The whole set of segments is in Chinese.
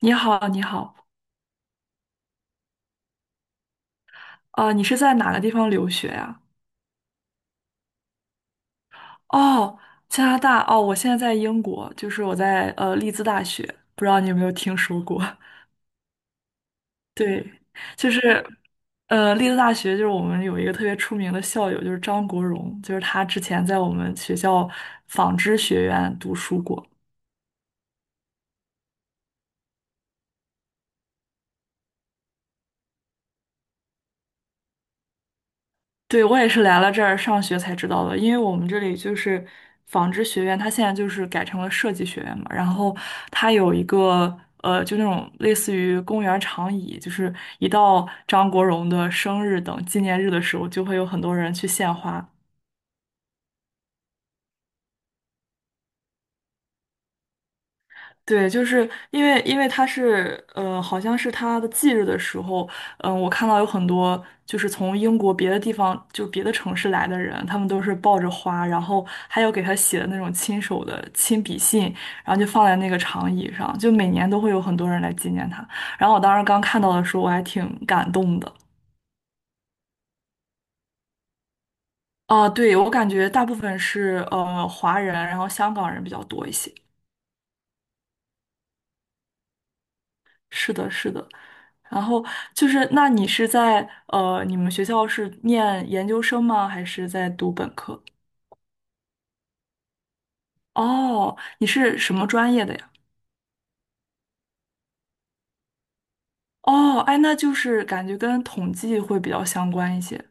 你好，你好，你是在哪个地方留学呀？哦，加拿大。哦，我现在在英国，就是我在利兹大学，不知道你有没有听说过？对，就是利兹大学，就是我们有一个特别出名的校友，就是张国荣，就是他之前在我们学校纺织学院读书过。对，我也是来了这儿上学才知道的，因为我们这里就是纺织学院，它现在就是改成了设计学院嘛，然后它有一个就那种类似于公园长椅，就是一到张国荣的生日等纪念日的时候，就会有很多人去献花。对，就是因为他是好像是他的忌日的时候，我看到有很多就是从英国别的地方，就别的城市来的人，他们都是抱着花，然后还有给他写的那种亲手的亲笔信，然后就放在那个长椅上，就每年都会有很多人来纪念他。然后我当时刚看到的时候，我还挺感动的。对，我感觉大部分是华人，然后香港人比较多一些。是的，是的。然后就是，那你是在呃，你们学校是念研究生吗？还是在读本科？哦，你是什么专业的呀？哦，哎，那就是感觉跟统计会比较相关一些。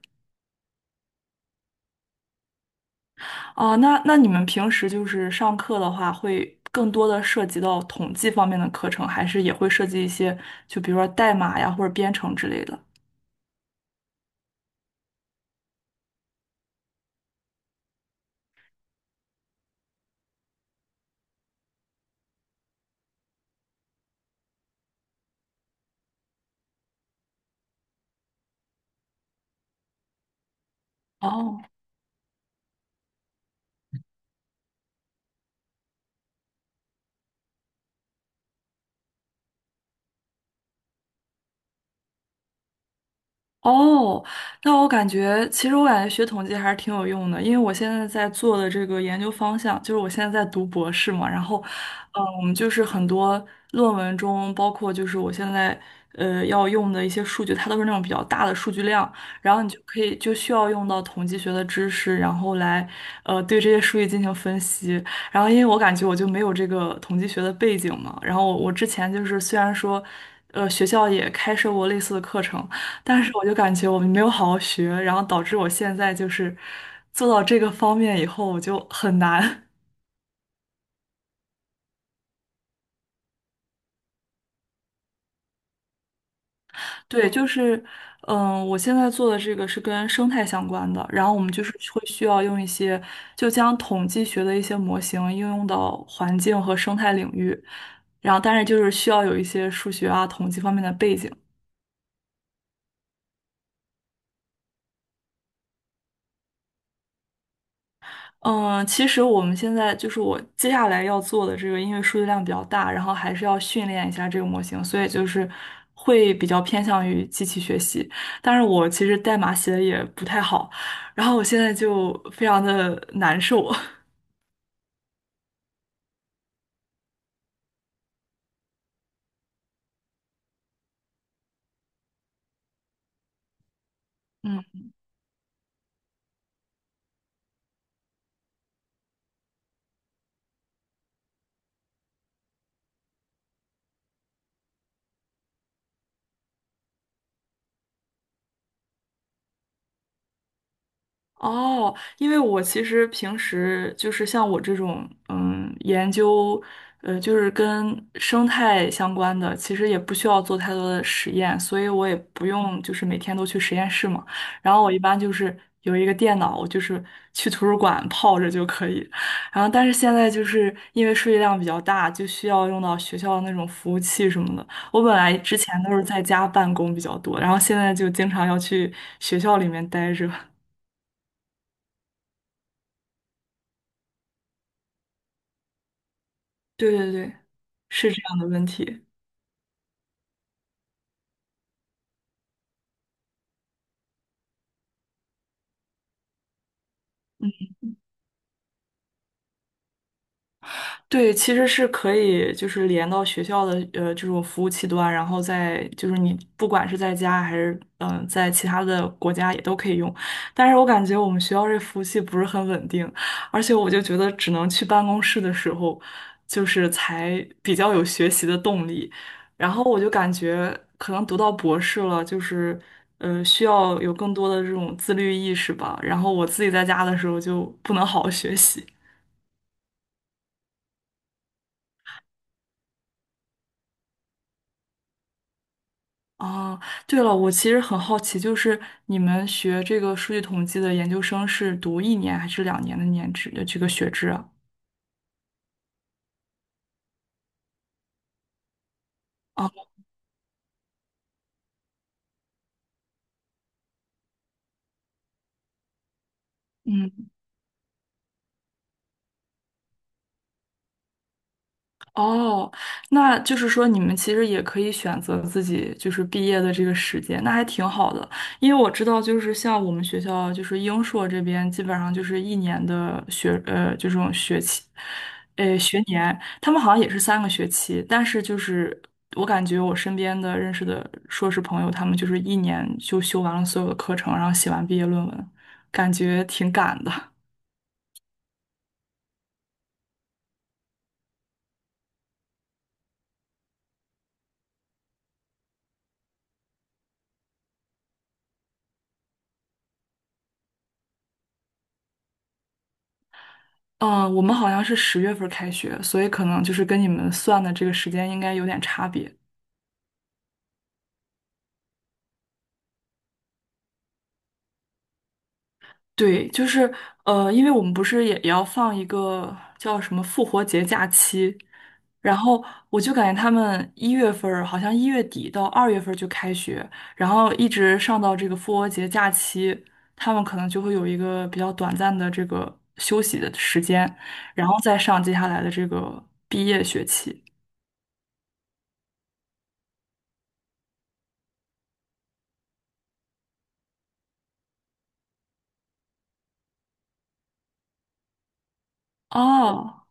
哦，那你们平时就是上课的话，会更多的涉及到统计方面的课程，还是也会涉及一些，就比如说代码呀，或者编程之类的？哦。哦，那我感觉，其实我感觉学统计还是挺有用的，因为我现在在做的这个研究方向，就是我现在在读博士嘛，然后，就是很多论文中，包括就是我现在要用的一些数据，它都是那种比较大的数据量，然后你就可以就需要用到统计学的知识，然后来对这些数据进行分析。然后因为我感觉我就没有这个统计学的背景嘛，然后我之前就是虽然说，学校也开设过类似的课程。但是我就感觉我没有好好学，然后导致我现在就是做到这个方面以后，我就很难。对，就是，我现在做的这个是跟生态相关的，然后我们就是会需要用一些，就将统计学的一些模型应用到环境和生态领域，然后但是就是需要有一些数学啊、统计方面的背景。嗯，其实我们现在就是我接下来要做的这个，因为数据量比较大，然后还是要训练一下这个模型，所以就是会比较偏向于机器学习。但是我其实代码写的也不太好，然后我现在就非常的难受。嗯。哦，因为我其实平时就是像我这种，研究，就是跟生态相关的，其实也不需要做太多的实验，所以我也不用就是每天都去实验室嘛。然后我一般就是有一个电脑，我就是去图书馆泡着就可以。然后但是现在就是因为数据量比较大，就需要用到学校的那种服务器什么的。我本来之前都是在家办公比较多，然后现在就经常要去学校里面待着。对对对。是这样的问题。对，其实是可以，就是连到学校的这种服务器端，然后再就是你不管是在家还是在其他的国家也都可以用，但是我感觉我们学校这服务器不是很稳定，而且我就觉得只能去办公室的时候，就是才比较有学习的动力，然后我就感觉可能读到博士了，就是需要有更多的这种自律意识吧，然后我自己在家的时候就不能好好学习。哦，对了，我其实很好奇，就是你们学这个数据统计的研究生是读一年还是2年的年制这个学制啊？哦，嗯，哦，那就是说你们其实也可以选择自己就是毕业的这个时间，那还挺好的。因为我知道，就是像我们学校，就是英硕这边，基本上就是一年的学，就这种学期，学年，他们好像也是3个学期，但是就是我感觉我身边的认识的硕士朋友，他们就是一年就修完了所有的课程，然后写完毕业论文，感觉挺赶的。嗯，我们好像是10月份开学，所以可能就是跟你们算的这个时间应该有点差别。对，就是因为我们不是也要放一个叫什么复活节假期，然后我就感觉他们1月份儿好像1月底到2月份儿就开学，然后一直上到这个复活节假期，他们可能就会有一个比较短暂的这个休息的时间，然后再上接下来的这个毕业学期。哦，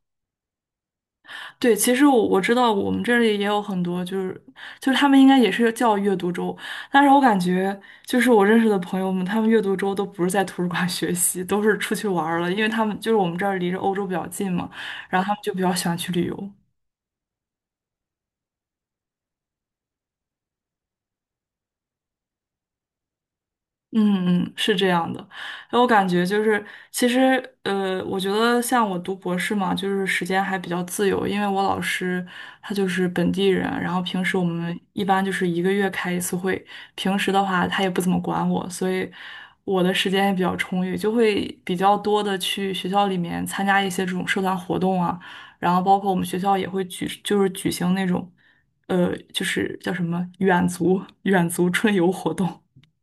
对，其实我知道我们这里也有很多，就是就是他们应该也是叫阅读周，但是我感觉就是我认识的朋友们，他们阅读周都不是在图书馆 学习，都是出去玩儿了，因为他们就是我们这儿离着欧洲比较近嘛，然后他们就比较喜欢去旅游。嗯嗯，是这样的，然后我感觉就是，其实我觉得像我读博士嘛，就是时间还比较自由，因为我老师他就是本地人，然后平时我们一般就是1个月开1次会，平时的话他也不怎么管我，所以我的时间也比较充裕，就会比较多的去学校里面参加一些这种社团活动啊，然后包括我们学校也会举，就是举行那种，就是叫什么远足春游活动。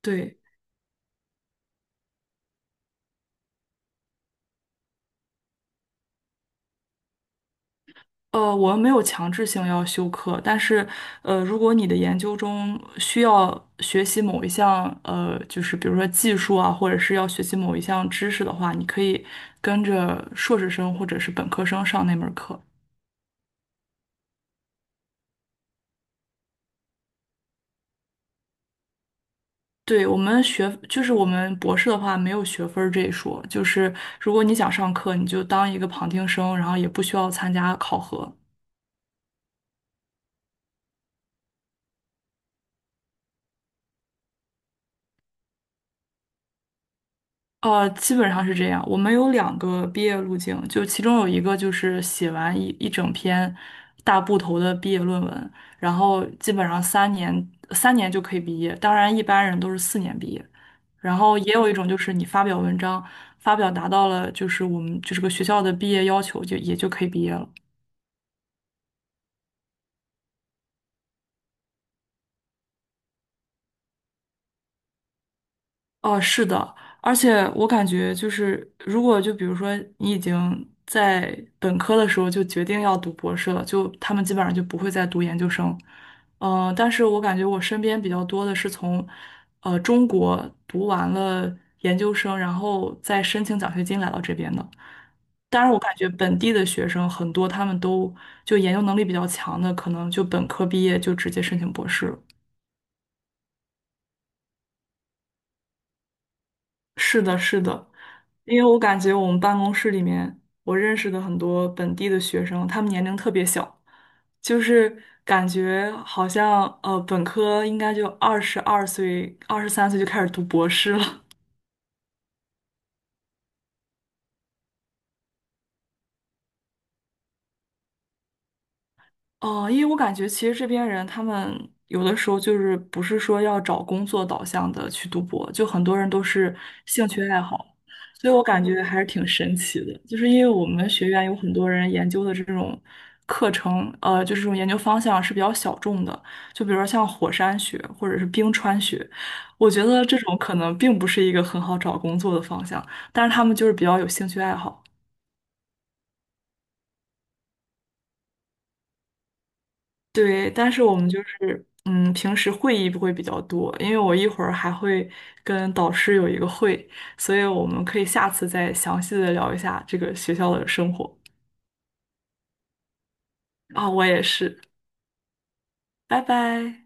对，我们没有强制性要修课，但是，如果你的研究中需要学习某一项，就是比如说技术啊，或者是要学习某一项知识的话，你可以跟着硕士生或者是本科生上那门课。对，我们学，就是我们博士的话没有学分儿这一说，就是如果你想上课，你就当一个旁听生，然后也不需要参加考核。基本上是这样。我们有2个毕业路径，就其中有一个就是写完一整篇大部头的毕业论文，然后基本上三年三年就可以毕业。当然，一般人都是4年毕业。然后也有一种就是你发表文章，发表达到了就是我们就是个学校的毕业要求，就也就可以毕业了。哦，是的，而且我感觉就是，如果就比如说你已经在本科的时候就决定要读博士了，就他们基本上就不会再读研究生。但是我感觉我身边比较多的是从，中国读完了研究生，然后再申请奖学金来到这边的。当然，我感觉本地的学生很多，他们都就研究能力比较强的，可能就本科毕业就直接申请博士了。是的，是的，因为我感觉我们办公室里面，我认识的很多本地的学生，他们年龄特别小，就是感觉好像本科应该就22岁、23岁就开始读博士了，哦，因为我感觉其实这边人他们有的时候就是不是说要找工作导向的去读博，就很多人都是兴趣爱好，所以我感觉还是挺神奇的。就是因为我们学院有很多人研究的这种课程，就是这种研究方向是比较小众的，就比如说像火山学或者是冰川学，我觉得这种可能并不是一个很好找工作的方向，但是他们就是比较有兴趣爱好。对，但是我们就是，平时会议不会比较多，因为我一会儿还会跟导师有一个会，所以我们可以下次再详细的聊一下这个学校的生活。啊，我也是，拜拜。